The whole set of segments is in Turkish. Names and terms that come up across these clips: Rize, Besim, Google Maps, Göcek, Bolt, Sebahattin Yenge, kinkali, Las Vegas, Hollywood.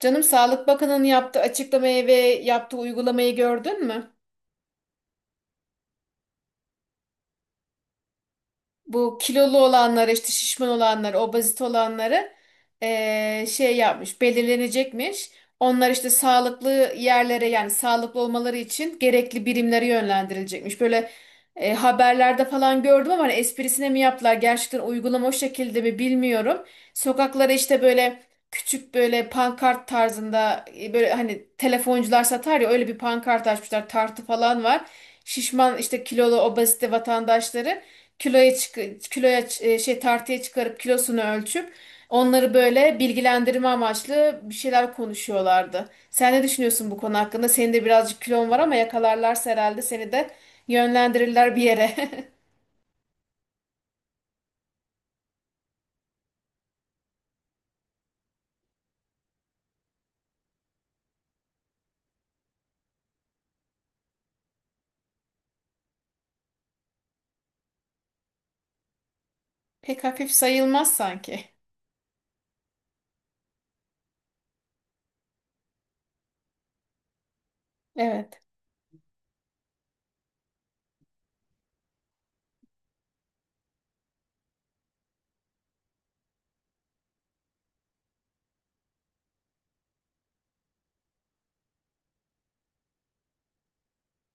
Canım Sağlık Bakanı'nın yaptığı açıklamayı ve yaptığı uygulamayı gördün mü? Bu kilolu olanlara işte şişman olanlara obezite olanları şey yapmış belirlenecekmiş. Onlar işte sağlıklı yerlere yani sağlıklı olmaları için gerekli birimlere yönlendirilecekmiş. Böyle haberlerde falan gördüm ama hani esprisine mi yaptılar gerçekten uygulama o şekilde mi bilmiyorum. Sokaklara işte böyle küçük böyle pankart tarzında böyle hani telefoncular satar ya öyle bir pankart açmışlar tartı falan var. Şişman işte kilolu obezite vatandaşları kiloya çık kiloya ç- e, şey tartıya çıkarıp kilosunu ölçüp onları böyle bilgilendirme amaçlı bir şeyler konuşuyorlardı. Sen ne düşünüyorsun bu konu hakkında? Senin de birazcık kilon var ama yakalarlarsa herhalde seni de yönlendirirler bir yere. Pek hafif sayılmaz sanki. Evet,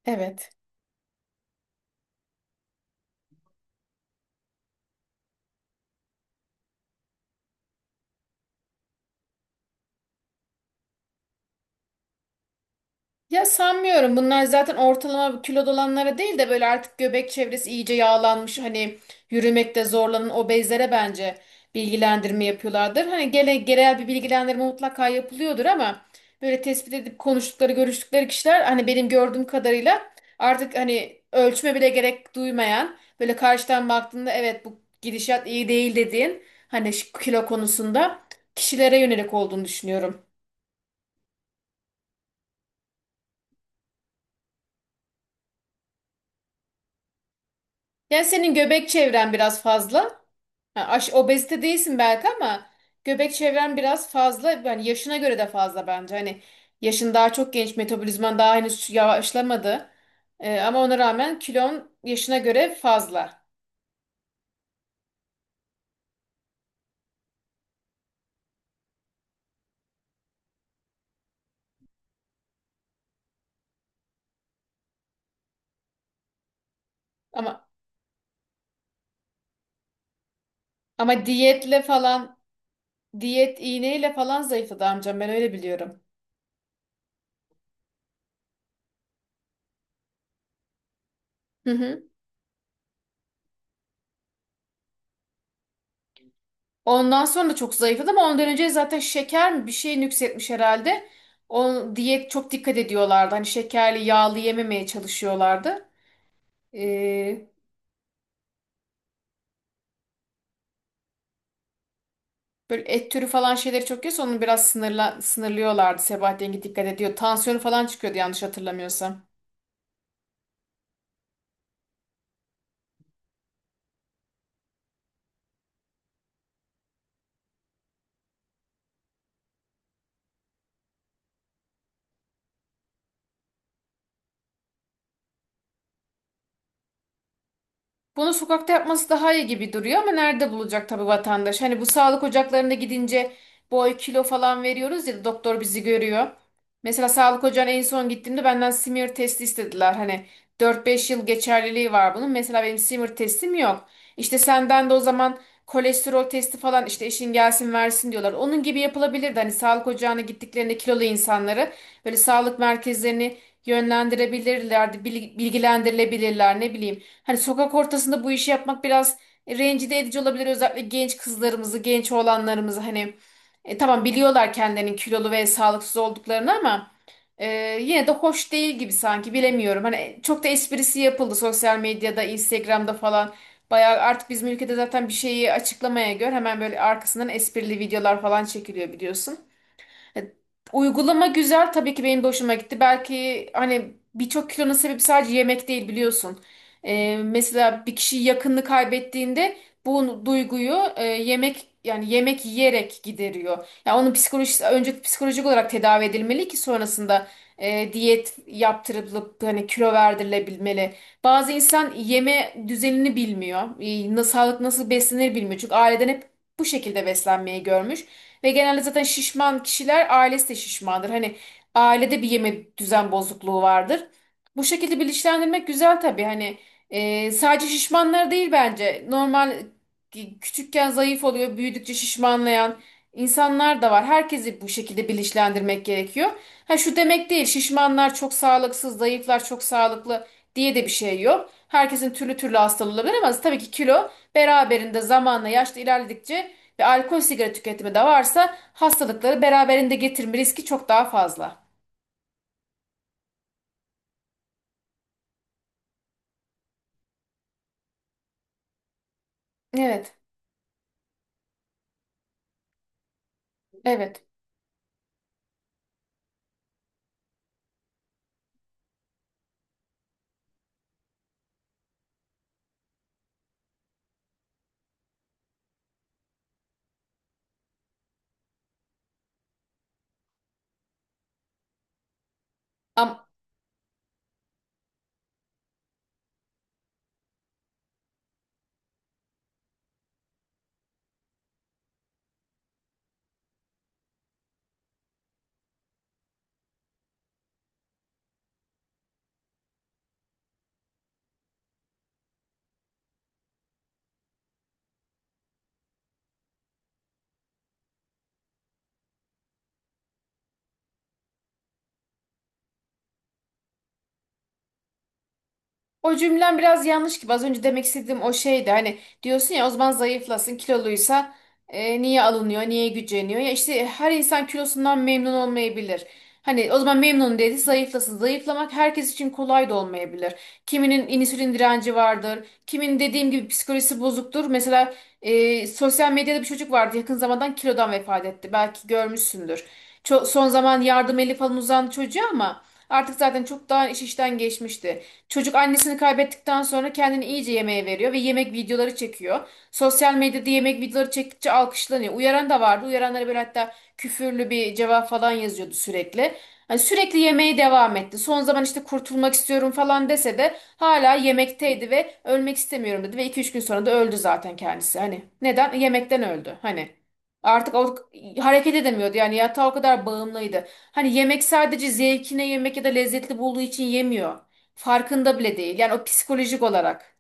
evet. Ya sanmıyorum. Bunlar zaten ortalama kilo dolanlara değil de böyle artık göbek çevresi iyice yağlanmış hani yürümekte zorlanan obezlere bence bilgilendirme yapıyorlardır. Hani gene genel bir bilgilendirme mutlaka yapılıyordur ama böyle tespit edip konuştukları, görüştükleri kişiler hani benim gördüğüm kadarıyla artık hani ölçme bile gerek duymayan böyle karşıdan baktığında evet bu gidişat iyi değil dediğin hani şu kilo konusunda kişilere yönelik olduğunu düşünüyorum. Yani senin göbek çevren biraz fazla. Ha, obezite değilsin belki ama göbek çevren biraz fazla. Yani yaşına göre de fazla bence. Hani yaşın daha çok genç, metabolizman daha henüz yavaşlamadı. Ama ona rağmen kilon yaşına göre fazla. Ama ama diyetle falan, diyet iğneyle falan zayıfladı amcam ben öyle biliyorum. Hı hı. Ondan sonra çok zayıfladı ama ondan önce zaten şeker mi bir şey nüksetmiş herhalde. O diyet çok dikkat ediyorlardı. Hani şekerli, yağlı yememeye çalışıyorlardı. Ee, Böyle et türü falan şeyleri çok yiyorsa onu biraz sınırlıyorlardı. Sebahattin Yenge dikkat ediyor. Tansiyonu falan çıkıyordu yanlış hatırlamıyorsam. Bunu sokakta yapması daha iyi gibi duruyor ama nerede bulacak tabii vatandaş? Hani bu sağlık ocaklarına gidince boy kilo falan veriyoruz ya da doktor bizi görüyor. Mesela sağlık ocağına en son gittiğimde benden smear testi istediler. Hani dört beş yıl geçerliliği var bunun. Mesela benim smear testim yok. İşte senden de o zaman kolesterol testi falan işte eşin gelsin versin diyorlar. Onun gibi yapılabilirdi. Hani sağlık ocağına gittiklerinde kilolu insanları böyle sağlık merkezlerini yönlendirebilirler, bilgilendirilebilirler ne bileyim. Hani sokak ortasında bu işi yapmak biraz rencide edici olabilir, özellikle genç kızlarımızı, genç oğlanlarımızı hani tamam biliyorlar kendilerinin kilolu ve sağlıksız olduklarını ama e, yine de hoş değil gibi sanki bilemiyorum. Hani çok da esprisi yapıldı sosyal medyada, Instagram'da falan. Bayağı artık bizim ülkede zaten bir şeyi açıklamaya göre hemen böyle arkasından esprili videolar falan çekiliyor biliyorsun. E, Uygulama güzel tabii ki benim de hoşuma gitti. Belki hani birçok kilonun sebebi sadece yemek değil biliyorsun. Mesela bir kişi yakınını kaybettiğinde bu duyguyu yemek yani yemek yiyerek gideriyor. Yani onun psikolojisi önce psikolojik olarak tedavi edilmeli ki sonrasında diyet yaptırılıp hani kilo verdirilebilmeli. Bazı insan yeme düzenini bilmiyor. Sağlık nasıl beslenir bilmiyor. Çünkü aileden hep bu şekilde beslenmeyi görmüş. Ve genelde zaten şişman kişiler ailesi de şişmandır. Hani ailede bir yeme düzen bozukluğu vardır. Bu şekilde bilinçlendirmek güzel tabii. Hani sadece şişmanlar değil bence. Normal küçükken zayıf oluyor, büyüdükçe şişmanlayan insanlar da var. Herkesi bu şekilde bilinçlendirmek gerekiyor. Ha şu demek değil, şişmanlar çok sağlıksız, zayıflar çok sağlıklı diye de bir şey yok. Herkesin türlü türlü hastalığı olabilir ama tabii ki kilo beraberinde zamanla yaşlı ilerledikçe ve alkol sigara tüketimi de varsa hastalıkları beraberinde getirme riski çok daha fazla. Evet, evet. Am- o cümlem biraz yanlış gibi. Az önce demek istediğim o şeydi. Hani diyorsun ya o zaman zayıflasın, kiloluysa niye alınıyor, niye güceniyor? Ya işte her insan kilosundan memnun olmayabilir. Hani o zaman memnun dedi zayıflasın. Zayıflamak herkes için kolay da olmayabilir. Kiminin insülin direnci vardır. Kimin dediğim gibi psikolojisi bozuktur. Mesela sosyal medyada bir çocuk vardı yakın zamandan kilodan vefat etti. Belki görmüşsündür. Son zaman yardım eli falan uzan çocuğa ama artık zaten çok daha iş işten geçmişti. Çocuk annesini kaybettikten sonra kendini iyice yemeğe veriyor ve yemek videoları çekiyor. Sosyal medyada yemek videoları çektikçe alkışlanıyor. Uyaran da vardı. Uyaranlara böyle hatta küfürlü bir cevap falan yazıyordu sürekli. Hani sürekli yemeğe devam etti. Son zaman işte kurtulmak istiyorum falan dese de hala yemekteydi ve ölmek istemiyorum dedi ve iki üç gün sonra da öldü zaten kendisi. Hani neden? Yemekten öldü. Hani artık o hareket edemiyordu. Yani yatağa o kadar bağımlıydı. Hani yemek sadece zevkine yemek ya da lezzetli bulduğu için yemiyor. Farkında bile değil. Yani o psikolojik olarak.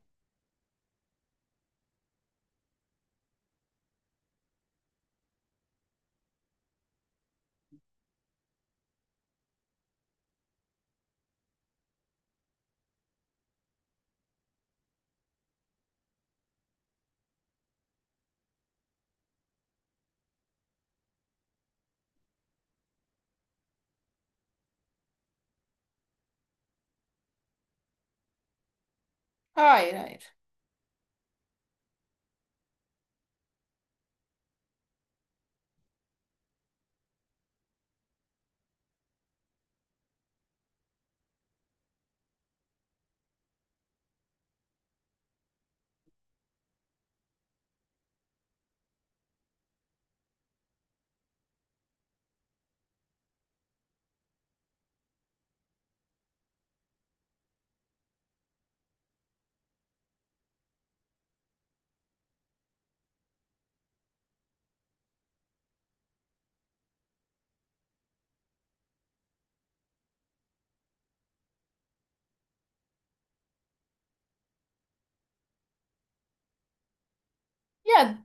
Hayır, hayır. Ya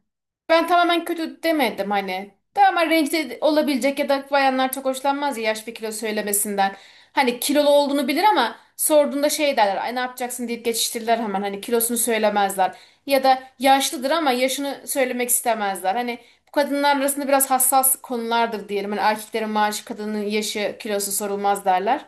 ben tamamen kötü demedim hani. Tamamen rencide olabilecek ya da bayanlar çok hoşlanmaz ya yaş bir kilo söylemesinden. Hani kilolu olduğunu bilir ama sorduğunda şey derler. Ay ne yapacaksın deyip geçiştirirler hemen. Hani kilosunu söylemezler. Ya da yaşlıdır ama yaşını söylemek istemezler. Hani bu kadınlar arasında biraz hassas konulardır diyelim. Hani erkeklerin maaşı, kadının yaşı, kilosu sorulmaz derler.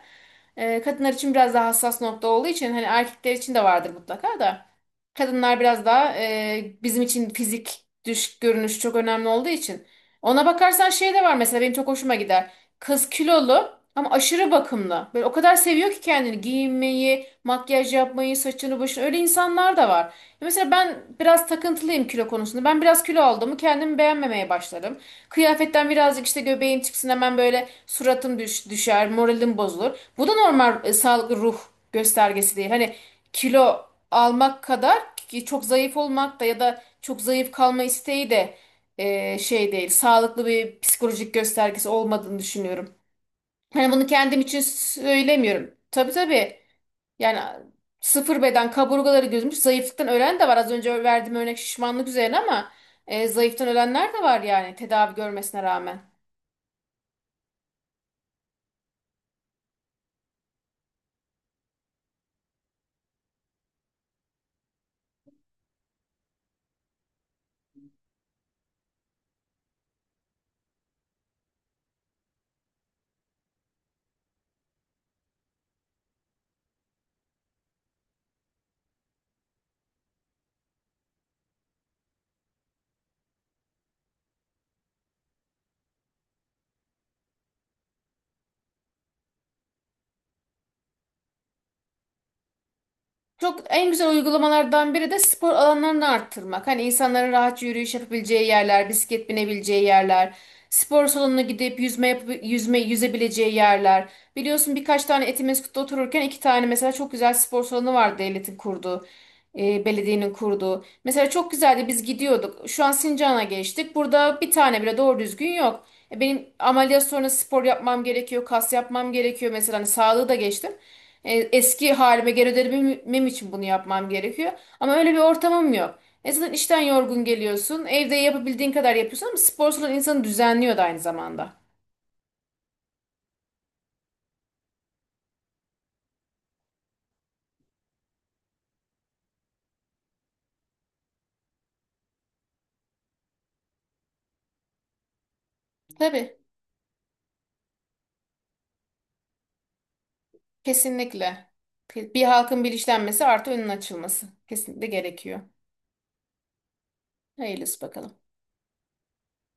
Kadınlar için biraz daha hassas nokta olduğu için hani erkekler için de vardır mutlaka da. Kadınlar biraz daha bizim için fizik dış görünüş çok önemli olduğu için. Ona bakarsan şey de var mesela benim çok hoşuma gider. Kız kilolu ama aşırı bakımlı. Böyle o kadar seviyor ki kendini giyinmeyi, makyaj yapmayı, saçını başını, öyle insanlar da var. Mesela ben biraz takıntılıyım kilo konusunda. Ben biraz kilo aldığımı kendimi beğenmemeye başlarım. Kıyafetten birazcık işte göbeğim çıksın hemen böyle suratım düşer, moralim bozulur. Bu da normal sağlıklı ruh göstergesi değil. Hani kilo almak kadar ki çok zayıf olmak da ya da çok zayıf kalma isteği de şey değil. Sağlıklı bir psikolojik göstergesi olmadığını düşünüyorum. Hani bunu kendim için söylemiyorum. Tabii tabii. Yani sıfır beden kaburgaları gözümüş. Zayıflıktan ölen de var. Az önce verdiğim örnek şişmanlık üzerine ama zayıftan ölenler de var yani tedavi görmesine rağmen. Çok en güzel uygulamalardan biri de spor alanlarını arttırmak. Hani insanların rahatça yürüyüş yapabileceği yerler, bisiklet binebileceği yerler, spor salonuna gidip yüzme yüzebileceği yerler. Biliyorsun birkaç tane Etimesgut'ta otururken iki tane mesela çok güzel spor salonu vardı devletin kurduğu, belediyenin kurduğu. Mesela çok güzeldi biz gidiyorduk. Şu an Sincan'a geçtik. Burada bir tane bile doğru düzgün yok. Benim ameliyat sonrası spor yapmam gerekiyor, kas yapmam gerekiyor mesela hani sağlığı da geçtim. Eski halime geri dönebilmem için bunu yapmam gerekiyor. Ama öyle bir ortamım yok. Zaten işten yorgun geliyorsun. Evde yapabildiğin kadar yapıyorsun ama spor salonu insanı düzenliyor da aynı zamanda. Tabii, kesinlikle. Bir halkın bilinçlenmesi artı önün açılması. Kesinlikle gerekiyor. Hayırlısı bakalım.